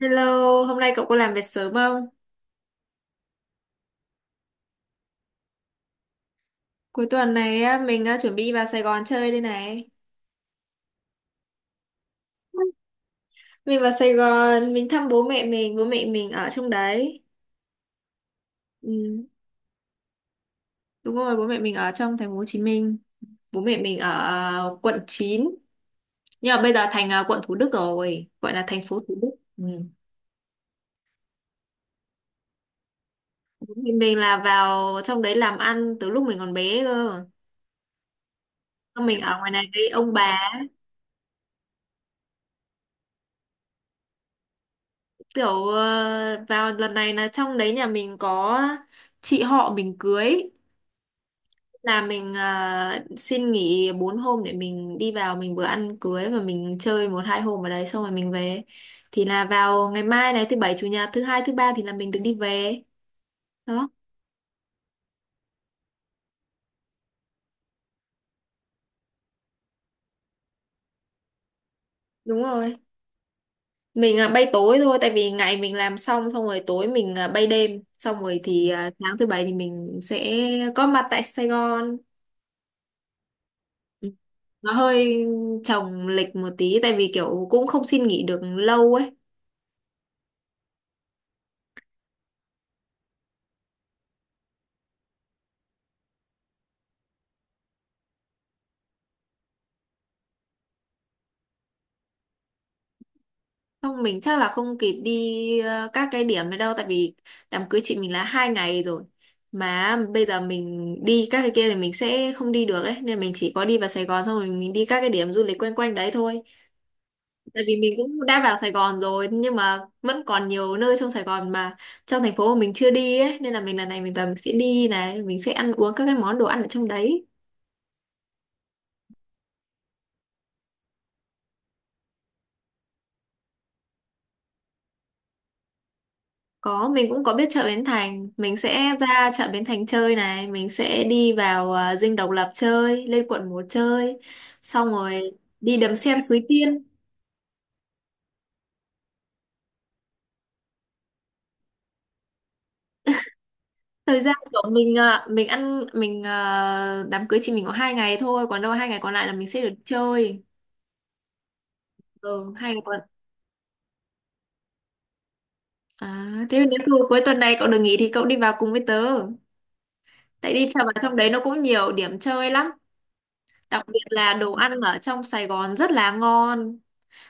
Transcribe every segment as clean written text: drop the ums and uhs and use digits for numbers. Hello, hôm nay cậu có làm việc sớm không? Cuối tuần này á, mình á, chuẩn bị vào Sài Gòn chơi đây này. Mình vào Sài Gòn, mình thăm bố mẹ mình ở trong đấy. Ừ, đúng rồi, bố mẹ mình ở trong thành phố Hồ Chí Minh. Bố mẹ mình ở quận 9, nhưng mà bây giờ thành quận Thủ Đức rồi, gọi là thành phố Thủ Đức. Ừ. Bố mẹ mình là vào trong đấy làm ăn từ lúc mình còn bé cơ. Xong mình ở ngoài này với ông bà, kiểu vào lần này là trong đấy nhà mình có chị họ mình cưới, là mình xin nghỉ 4 hôm để mình đi vào, mình vừa ăn cưới và mình chơi một hai hôm ở đấy xong rồi mình về, thì là vào ngày mai này, thứ bảy chủ nhật thứ hai thứ ba thì là mình được đi về đó. Đúng rồi, mình bay tối thôi, tại vì ngày mình làm xong xong rồi tối mình bay đêm, xong rồi thì sáng thứ bảy thì mình sẽ có mặt tại Sài Gòn. Ừ. Nó hơi chồng lịch một tí, tại vì kiểu cũng không xin nghỉ được lâu ấy. Không, mình chắc là không kịp đi các cái điểm này đâu, tại vì đám cưới chị mình là 2 ngày rồi, mà bây giờ mình đi các cái kia thì mình sẽ không đi được ấy, nên mình chỉ có đi vào Sài Gòn xong rồi mình đi các cái điểm du lịch quanh quanh đấy thôi. Tại vì mình cũng đã vào Sài Gòn rồi nhưng mà vẫn còn nhiều nơi trong Sài Gòn, mà trong thành phố mà mình chưa đi ấy, nên là mình lần này mình vào mình sẽ đi này, mình sẽ ăn uống các cái món đồ ăn ở trong đấy. Có, mình cũng có biết chợ Bến Thành. Mình sẽ ra chợ Bến Thành chơi này. Mình sẽ đi vào Dinh Độc Lập chơi, lên quận 1 chơi. Xong rồi đi đầm sen Suối Tiên. Thời gian của mình à, mình ăn mình đám cưới chị mình có 2 ngày thôi, còn đâu 2 ngày còn lại là mình sẽ được chơi. Ừ, 2 ngày còn, à, thế nếu như cuối tuần này cậu được nghỉ thì cậu đi vào cùng với tớ. Tại đi vào trong đấy nó cũng nhiều điểm chơi lắm. Đặc biệt là đồ ăn ở trong Sài Gòn rất là ngon.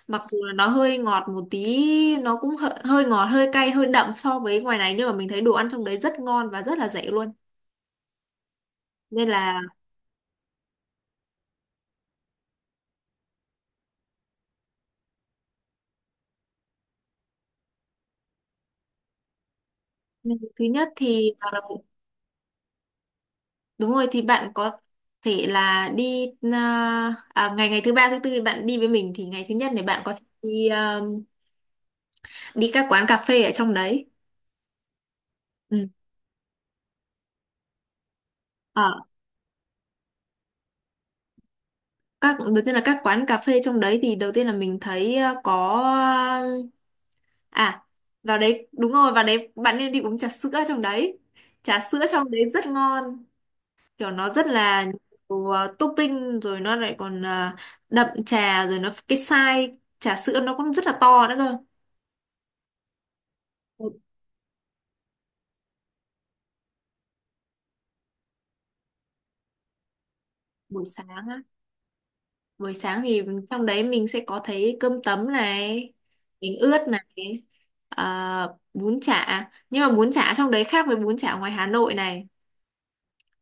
Mặc dù là nó hơi ngọt một tí, nó cũng hơi ngọt hơi cay hơi đậm so với ngoài này, nhưng mà mình thấy đồ ăn trong đấy rất ngon và rất là rẻ luôn, nên là ừ, thứ nhất thì đúng rồi, thì bạn có thể là đi ngày ngày thứ ba thứ tư thì bạn đi với mình, thì ngày thứ nhất này bạn có thể đi đi các quán cà phê ở trong đấy. Ừ. Ờ, các đầu tiên là các quán cà phê trong đấy, thì đầu tiên là mình thấy có. À, vào đấy đúng rồi, vào đấy bạn nên đi uống trà sữa trong đấy. Trà sữa trong đấy rất ngon, kiểu nó rất là nhiều topping, rồi nó lại còn đậm trà, rồi nó cái size trà sữa nó cũng rất là to nữa cơ. Bu- Buổi sáng á, buổi sáng thì trong đấy mình sẽ có thấy cơm tấm này, bánh ướt này, à, bún chả. Nhưng mà bún chả trong đấy khác với bún chả ngoài Hà Nội này,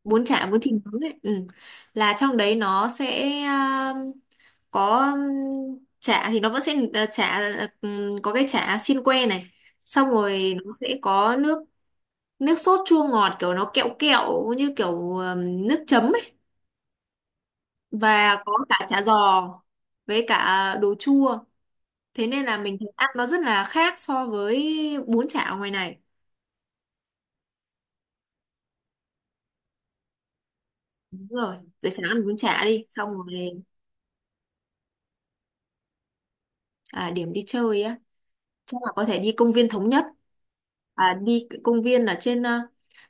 bún chả bún thịt nướng ấy. Ừ. Là trong đấy nó sẽ có chả, thì nó vẫn sẽ chả, có cái chả xiên que này, xong rồi nó sẽ có nước nước sốt chua ngọt, kiểu nó kẹo kẹo như kiểu nước chấm ấy, và có cả chả giò với cả đồ chua, thế nên là mình thấy ăn nó rất là khác so với bún chả ở ngoài này. Đúng rồi, giờ sáng ăn bún chả đi xong rồi, à, điểm đi chơi á, chắc là có thể đi công viên Thống Nhất. À, đi công viên ở trên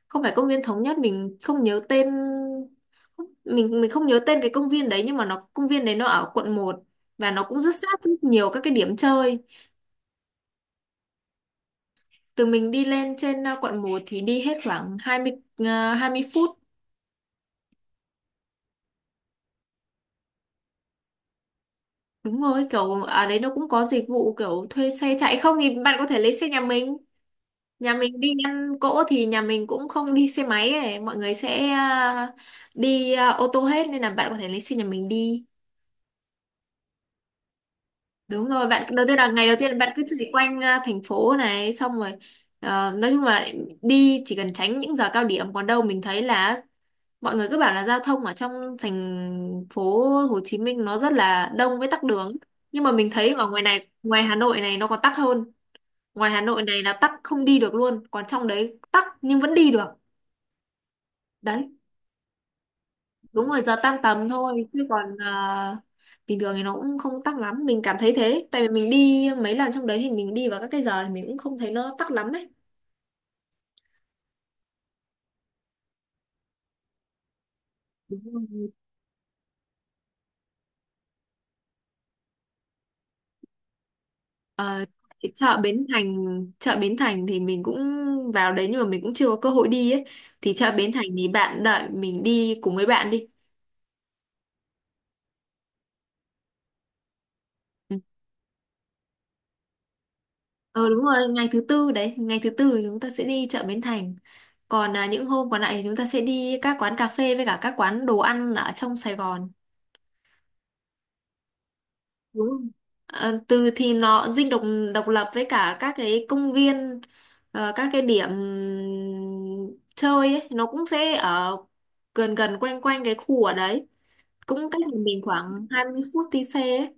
không phải công viên Thống Nhất, mình không nhớ tên, mình không nhớ tên cái công viên đấy, nhưng mà nó công viên đấy nó ở quận 1 và nó cũng rất sát rất nhiều các cái điểm chơi. Từ mình đi lên trên quận 1 thì đi hết khoảng 20 phút. Đúng rồi, kiểu ở đấy nó cũng có dịch vụ kiểu thuê xe chạy, không thì bạn có thể lấy xe nhà mình, nhà mình đi ăn cỗ thì nhà mình cũng không đi xe máy ấy, mọi người sẽ đi ô tô hết, nên là bạn có thể lấy xe nhà mình đi. Đúng rồi, bạn đầu tiên là ngày đầu tiên bạn cứ chỉ quanh thành phố này xong rồi, ờ, nói chung là đi chỉ cần tránh những giờ cao điểm, còn đâu mình thấy là mọi người cứ bảo là giao thông ở trong thành phố Hồ Chí Minh nó rất là đông với tắc đường, nhưng mà mình thấy ở ngoài này, ngoài Hà Nội này, nó còn tắc hơn. Ngoài Hà Nội này là tắc không đi được luôn, còn trong đấy tắc nhưng vẫn đi được đấy. Đúng rồi, giờ tan tầm thôi, chứ còn bình thường thì nó cũng không tắc lắm, mình cảm thấy thế, tại vì mình đi mấy lần trong đấy thì mình đi vào các cái giờ thì mình cũng không thấy nó tắc lắm ấy. Đúng rồi. Ờ, cái chợ Bến Thành thì mình cũng vào đấy, nhưng mà mình cũng chưa có cơ hội đi ấy, thì chợ Bến Thành thì bạn đợi mình đi cùng với bạn đi. Ừ. Ờ đúng rồi, ngày thứ tư đấy, ngày thứ tư thì chúng ta sẽ đi chợ Bến Thành, còn những hôm còn lại thì chúng ta sẽ đi các quán cà phê với cả các quán đồ ăn ở trong Sài Gòn. Đúng rồi. Ờ, từ thì nó dinh độc độc lập với cả các cái công viên, ờ, các cái điểm chơi ấy, nó cũng sẽ ở gần gần quanh quanh cái khu ở đấy, cũng cách nhà mình khoảng 20 phút đi xe ấy.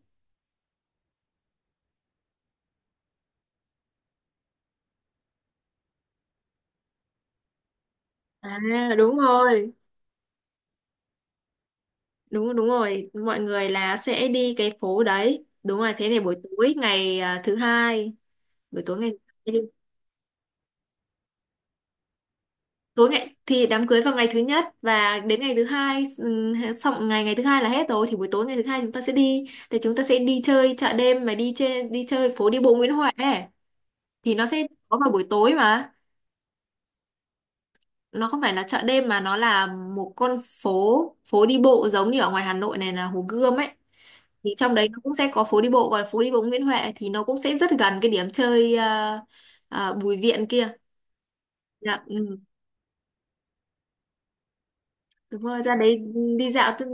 À đúng rồi. Đúng rồi, đúng rồi, mọi người là sẽ đi cái phố đấy. Đúng rồi, thế này buổi tối ngày thứ hai, buổi tối ngày, tối ngày thì đám cưới vào ngày thứ nhất và đến ngày thứ hai, xong ngày ngày thứ hai là hết rồi, thì buổi tối ngày thứ hai chúng ta sẽ đi, thì chúng ta sẽ đi chơi chợ đêm mà đi trên đi chơi phố đi bộ Nguyễn Huệ ấy. Thì nó sẽ có vào buổi tối mà, nó không phải là chợ đêm mà nó là một con phố, phố đi bộ giống như ở ngoài Hà Nội này là Hồ Gươm ấy, thì trong đấy nó cũng sẽ có phố đi bộ. Còn phố đi bộ Nguyễn Huệ thì nó cũng sẽ rất gần cái điểm chơi Bùi Viện kia. Dạ, ừ. Đúng rồi, ra đấy đi dạo tức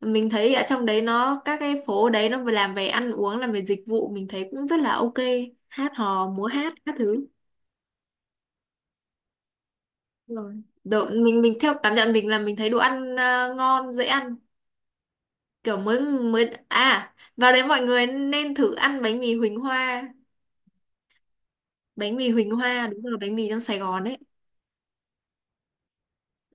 mình thấy ở trong đấy nó các cái phố đấy nó vừa làm về ăn uống làm về dịch vụ, mình thấy cũng rất là ok, hát hò múa hát các thứ. Đúng rồi, đồ, mình theo cảm nhận mình là mình thấy đồ ăn ngon dễ ăn, kiểu mới mới à vào đấy mọi người nên thử ăn bánh mì Huỳnh Hoa. Bánh mì Huỳnh Hoa đúng rồi, bánh mì trong Sài Gòn ấy,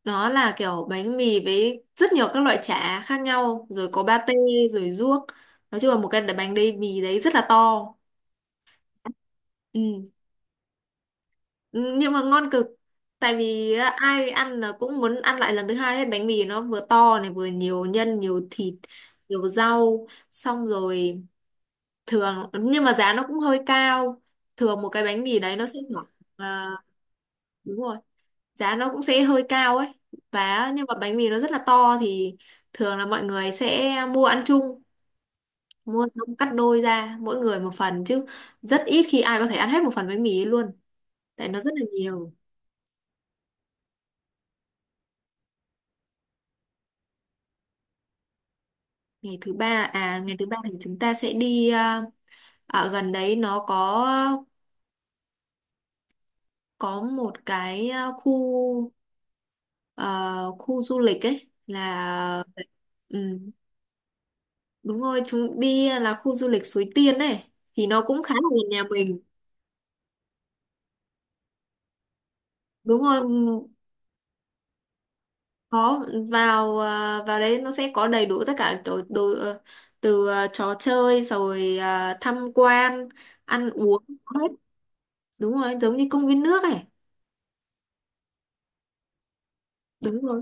nó là kiểu bánh mì với rất nhiều các loại chả khác nhau, rồi có pate rồi ruốc, nói chung là một cái bánh mì đấy rất là to. Ừ. Ừ, nhưng mà ngon cực. Tại vì á, ai ăn là cũng muốn ăn lại lần thứ hai, hết bánh mì nó vừa to này vừa nhiều nhân nhiều thịt nhiều rau, xong rồi thường nhưng mà giá nó cũng hơi cao, thường một cái bánh mì đấy nó sẽ khoảng, à, đúng rồi, giá nó cũng sẽ hơi cao ấy, và nhưng mà bánh mì nó rất là to, thì thường là mọi người sẽ mua ăn chung, mua xong cắt đôi ra mỗi người một phần, chứ rất ít khi ai có thể ăn hết một phần bánh mì ấy luôn, tại nó rất là nhiều. Ngày thứ ba, à ngày thứ ba thì chúng ta sẽ đi ở gần đấy nó có một cái khu du lịch ấy, là ừ, đúng rồi, chúng đi là khu du lịch Suối Tiên ấy, thì nó cũng khá là gần nhà mình. Đúng rồi, có, vào vào đấy nó sẽ có đầy đủ tất cả đồ từ trò chơi rồi tham quan ăn uống hết. Đúng rồi, giống như công viên nước ấy. Đúng rồi.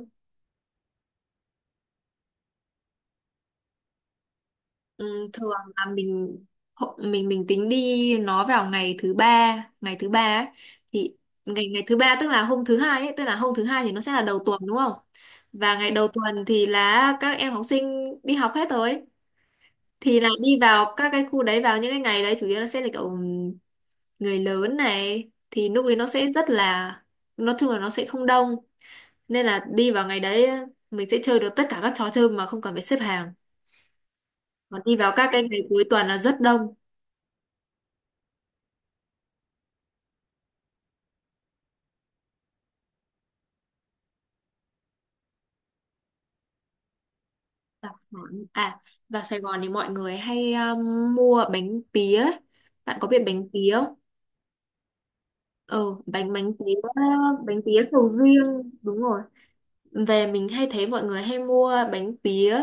Ừ, thường là mình mình tính đi nó vào ngày thứ ba, ngày thứ ba ấy, thì ngày ngày thứ ba tức là hôm thứ hai ấy tức là hôm thứ hai thì nó sẽ là đầu tuần đúng không, và ngày đầu tuần thì là các em học sinh đi học hết rồi, thì là đi vào các cái khu đấy vào những cái ngày đấy chủ yếu là sẽ là kiểu người lớn này, thì lúc ấy nó sẽ rất là, nói chung là nó sẽ không đông, nên là đi vào ngày đấy mình sẽ chơi được tất cả các trò chơi mà không cần phải xếp hàng, còn đi vào các cái ngày cuối tuần là rất đông. Đặc sản, à vào Sài Gòn thì mọi người hay mua bánh pía. Bạn có biết bánh pía không? Ừ, bánh bánh pía. Bánh pía sầu riêng đúng rồi, về mình hay thấy mọi người hay mua bánh pía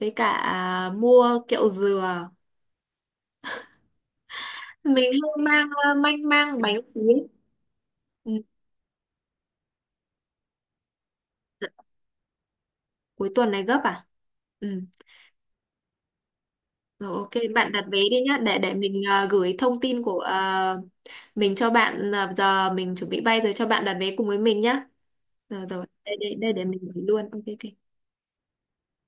với cả mua kẹo dừa. Mình hay mang manh mang bánh pía. Ừ. Cuối tuần này gấp à? Ừ. Rồi ok, bạn đặt vé đi nhá, để mình gửi thông tin của mình cho bạn, ờ, giờ mình chuẩn bị bay rồi, cho bạn đặt vé cùng với mình nhá. Rồi rồi, đây đây đây để mình gửi luôn. Ok ok.